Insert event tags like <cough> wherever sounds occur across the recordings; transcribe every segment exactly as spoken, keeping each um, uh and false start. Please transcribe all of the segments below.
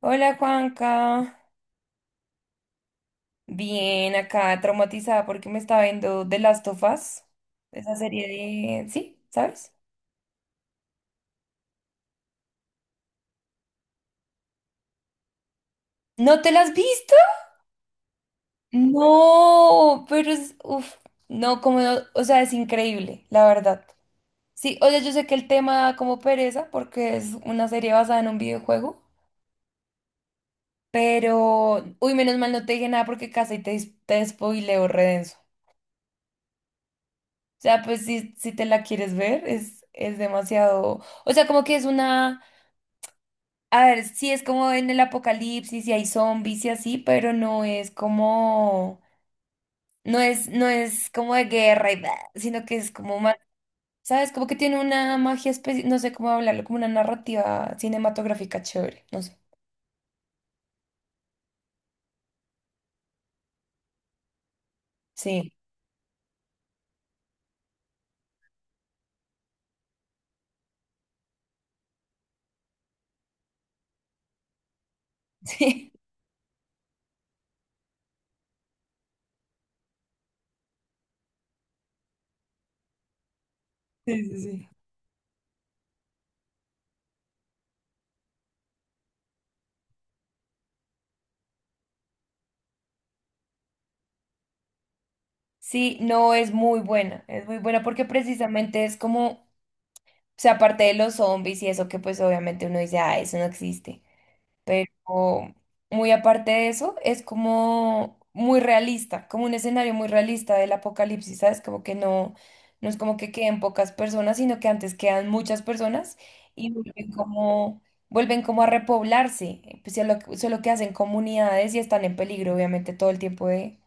Hola Juanca, bien acá traumatizada porque me estaba viendo The Last of Us, esa serie de... ¿Sí? ¿Sabes? ¿No te la has visto? No, pero es... Uf, no, como no, o sea, es increíble, la verdad. Sí, o sea, yo sé que el tema da como pereza porque es una serie basada en un videojuego, pero... Uy, menos mal no te dije nada porque casi te, dis- te spoileo redenso. O sea, pues si, si te la quieres ver, es, es demasiado... O sea, como que es una... A ver, sí es como en el apocalipsis y hay zombies y así, pero no es como, no es, no es como de guerra y bla, sino que es como más, ¿sabes? Como que tiene una magia especial, no sé cómo hablarlo, como una narrativa cinematográfica chévere, no sé. Sí, <laughs> sí. Sí, sí, sí. Sí, no es muy buena, es muy buena porque precisamente es como, o sea, aparte de los zombies y eso que pues obviamente uno dice, ah, eso no existe. Pero muy aparte de eso, es como muy realista, como un escenario muy realista del apocalipsis, ¿sabes? Como que no, no es como que queden pocas personas, sino que antes quedan muchas personas y vuelven como, vuelven como a repoblarse, eh, pues, solo, solo que hacen comunidades y están en peligro, obviamente, todo el tiempo de,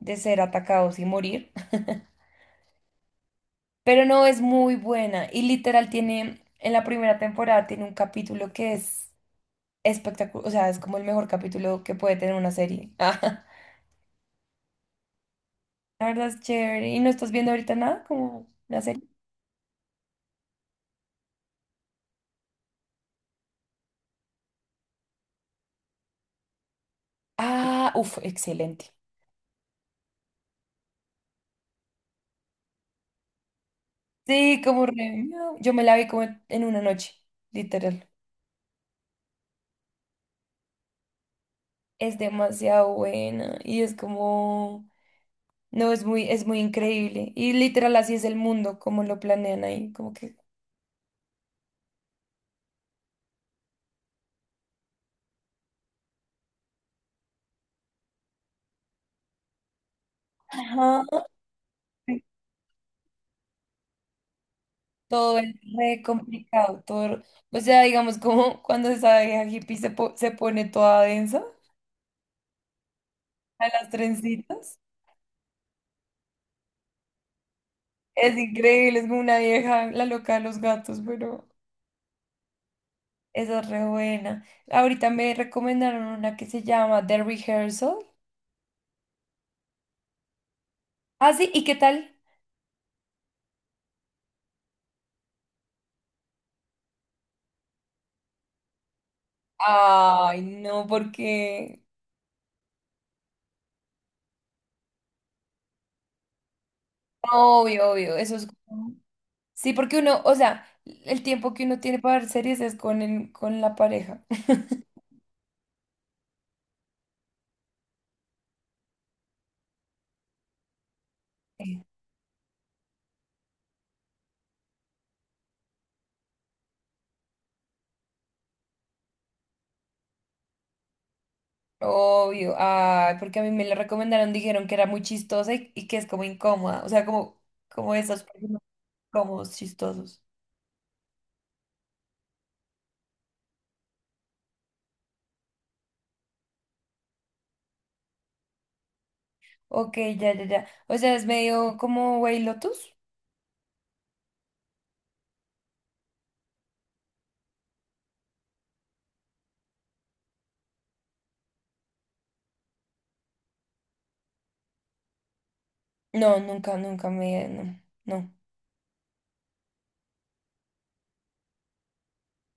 de ser atacados y morir. Pero no es muy buena y literal tiene, en la primera temporada tiene un capítulo que es espectacular, o sea, es como el mejor capítulo que puede tener una serie. <laughs> Ah, la verdad es chévere. ¿Y no estás viendo ahorita nada como una serie? Ah, uff, excelente. Sí, como re- no, yo me la vi como en una noche, literal. Es demasiado buena y es como, no, es muy, es muy increíble. Y literal así es el mundo, como lo planean ahí, como que... Ajá. Todo es re complicado, todo, o sea, digamos, como cuando esa vieja hippie se, po- se pone toda densa a las trencitas. Es increíble, es como una vieja, la loca de los gatos, pero esa es re buena. Ahorita me recomendaron una que se llama The Rehearsal. Ah, sí, ¿y qué tal? Ay, no, porque... Obvio, obvio, eso es... como- Sí, porque uno, o sea, el tiempo que uno tiene para ver series es con el, con la pareja. <laughs> Sí. Obvio, ay, porque a mí me la recomendaron, dijeron que era muy chistosa y, y que es como incómoda, o sea, como, como esos personajes incómodos, chistosos. Ok, ya, ya, ya. O sea, es medio como White Lotus. No, nunca, nunca me, no, no.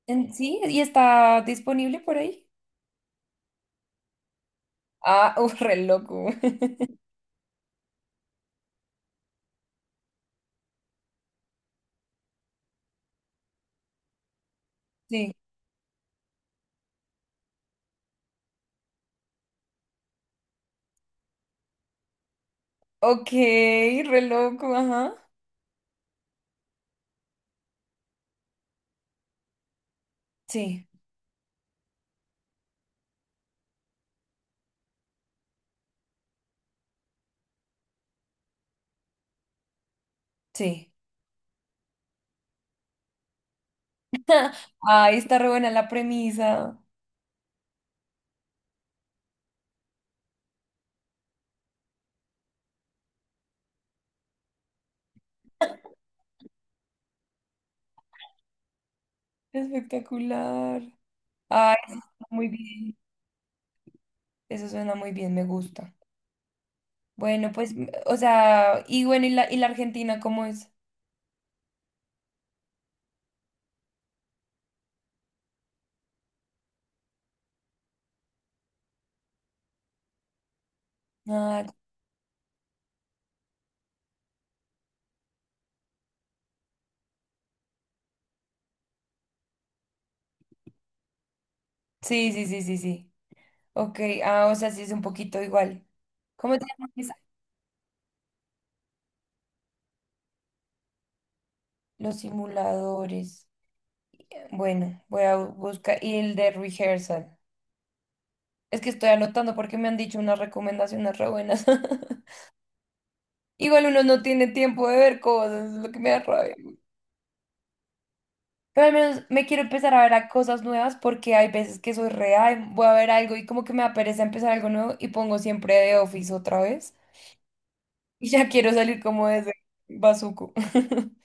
En- Sí, y está disponible por ahí. Ah, <laughs> uh, re loco. <laughs> Sí. Ok, re loco, ajá. Sí, sí. <laughs> Ay, está re buena la premisa. Espectacular. Ay, eso suena muy bien. Eso suena muy bien, me gusta. Bueno, pues, m- o sea, y bueno, ¿y la, y la Argentina cómo es? Ah, sí, sí, sí, sí, sí. Ok, ah, o sea, sí es un poquito igual. ¿Cómo te llamas? Los Simuladores. Bueno, voy a buscar. Y el de Rehearsal. Es que estoy anotando porque me han dicho unas recomendaciones re buenas. <laughs> Igual uno no tiene tiempo de ver cosas, es lo que me da rabia. Pero al menos me quiero empezar a ver a cosas nuevas porque hay veces que soy real, voy a ver algo y como que me da pereza empezar algo nuevo y pongo siempre de Office otra vez. Y ya quiero salir como de ese bazuco. <laughs>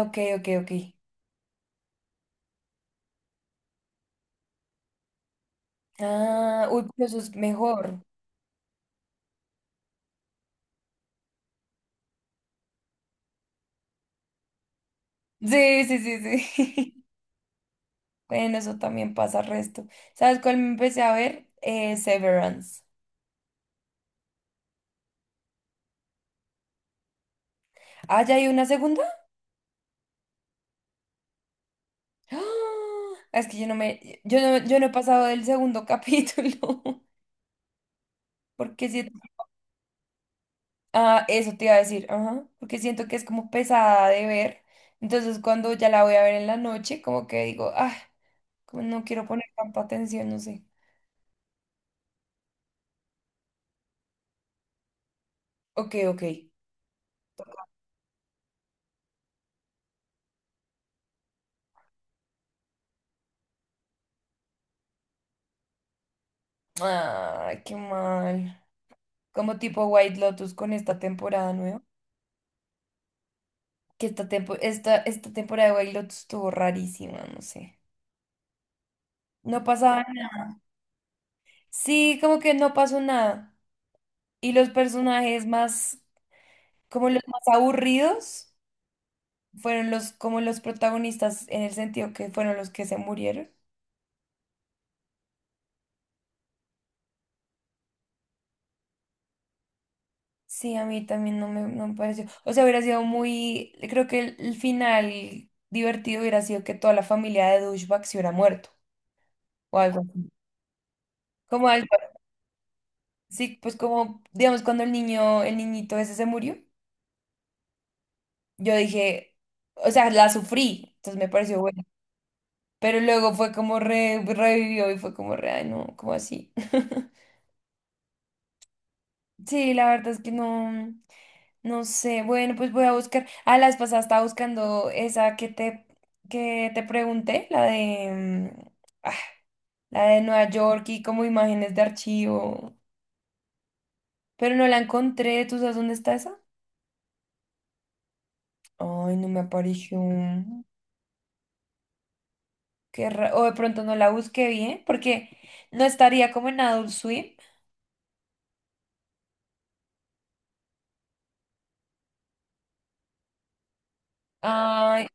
Ok, ok, ok. Ah, uy, pero eso es mejor. Sí, sí, sí, sí. <laughs> Bueno, eso también pasa resto. ¿Sabes cuál me empecé a ver? Eh, Severance. Ah, ¿ya hay una segunda? <gasps> ¡Ah! Es que yo no me, yo no, yo no he pasado del segundo capítulo. <laughs> Porque siento, ah, eso te iba a decir, ajá, porque siento que es como pesada de ver. Entonces, cuando ya la voy a ver en la noche, como que digo, ah, como no quiero poner tanta atención, no sé. Ok, ok. Ay, qué mal. Como tipo White Lotus con esta temporada nueva. Que esta, tempo- esta, esta temporada de White Lotus estuvo rarísima, no sé. No pasaba. Sí, como que no pasó nada. Y los personajes más, como los más aburridos, fueron los, como los protagonistas en el sentido que fueron los que se murieron. Sí, a mí también no me, no me pareció. O sea, hubiera sido muy. Creo que el, el final divertido hubiera sido que toda la familia de Douchebag se hubiera muerto o algo así. Como algo sí, pues como, digamos, cuando el niño, el niñito ese se murió, yo dije, o sea, la sufrí, entonces me pareció bueno. Pero luego fue como re- revivió y fue como re, ay, no, como así. <laughs> Sí, la verdad es que no, no sé. Bueno, pues voy a buscar. Ah, la vez pasada estaba buscando esa que te, que te pregunté, la de, mm, ah, la de Nueva York y como imágenes de archivo. Pero no la encontré. ¿Tú sabes dónde está esa? Ay, no me apareció. Qué ra- o de pronto no la busqué bien, porque no estaría como en Adult Swim. Ay,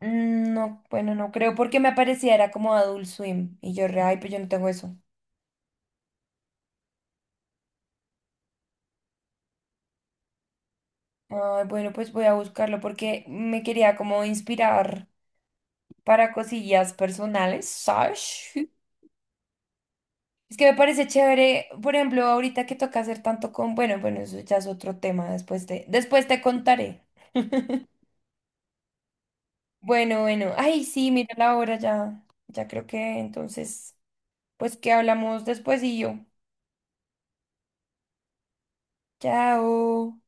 no, bueno, no creo, porque me aparecía era como Adult Swim. Y yo, re, ay, pues yo no tengo eso. Ay, bueno, pues voy a buscarlo porque me quería como inspirar para cosillas personales, ¿sabes? <laughs> Es que me parece chévere, por ejemplo, ahorita que toca hacer tanto con, bueno, bueno, eso ya es otro tema, después te, después te contaré. Bueno, bueno, ay, sí, mira la hora ya, ya creo que entonces... Pues que hablamos después y yo. Chao.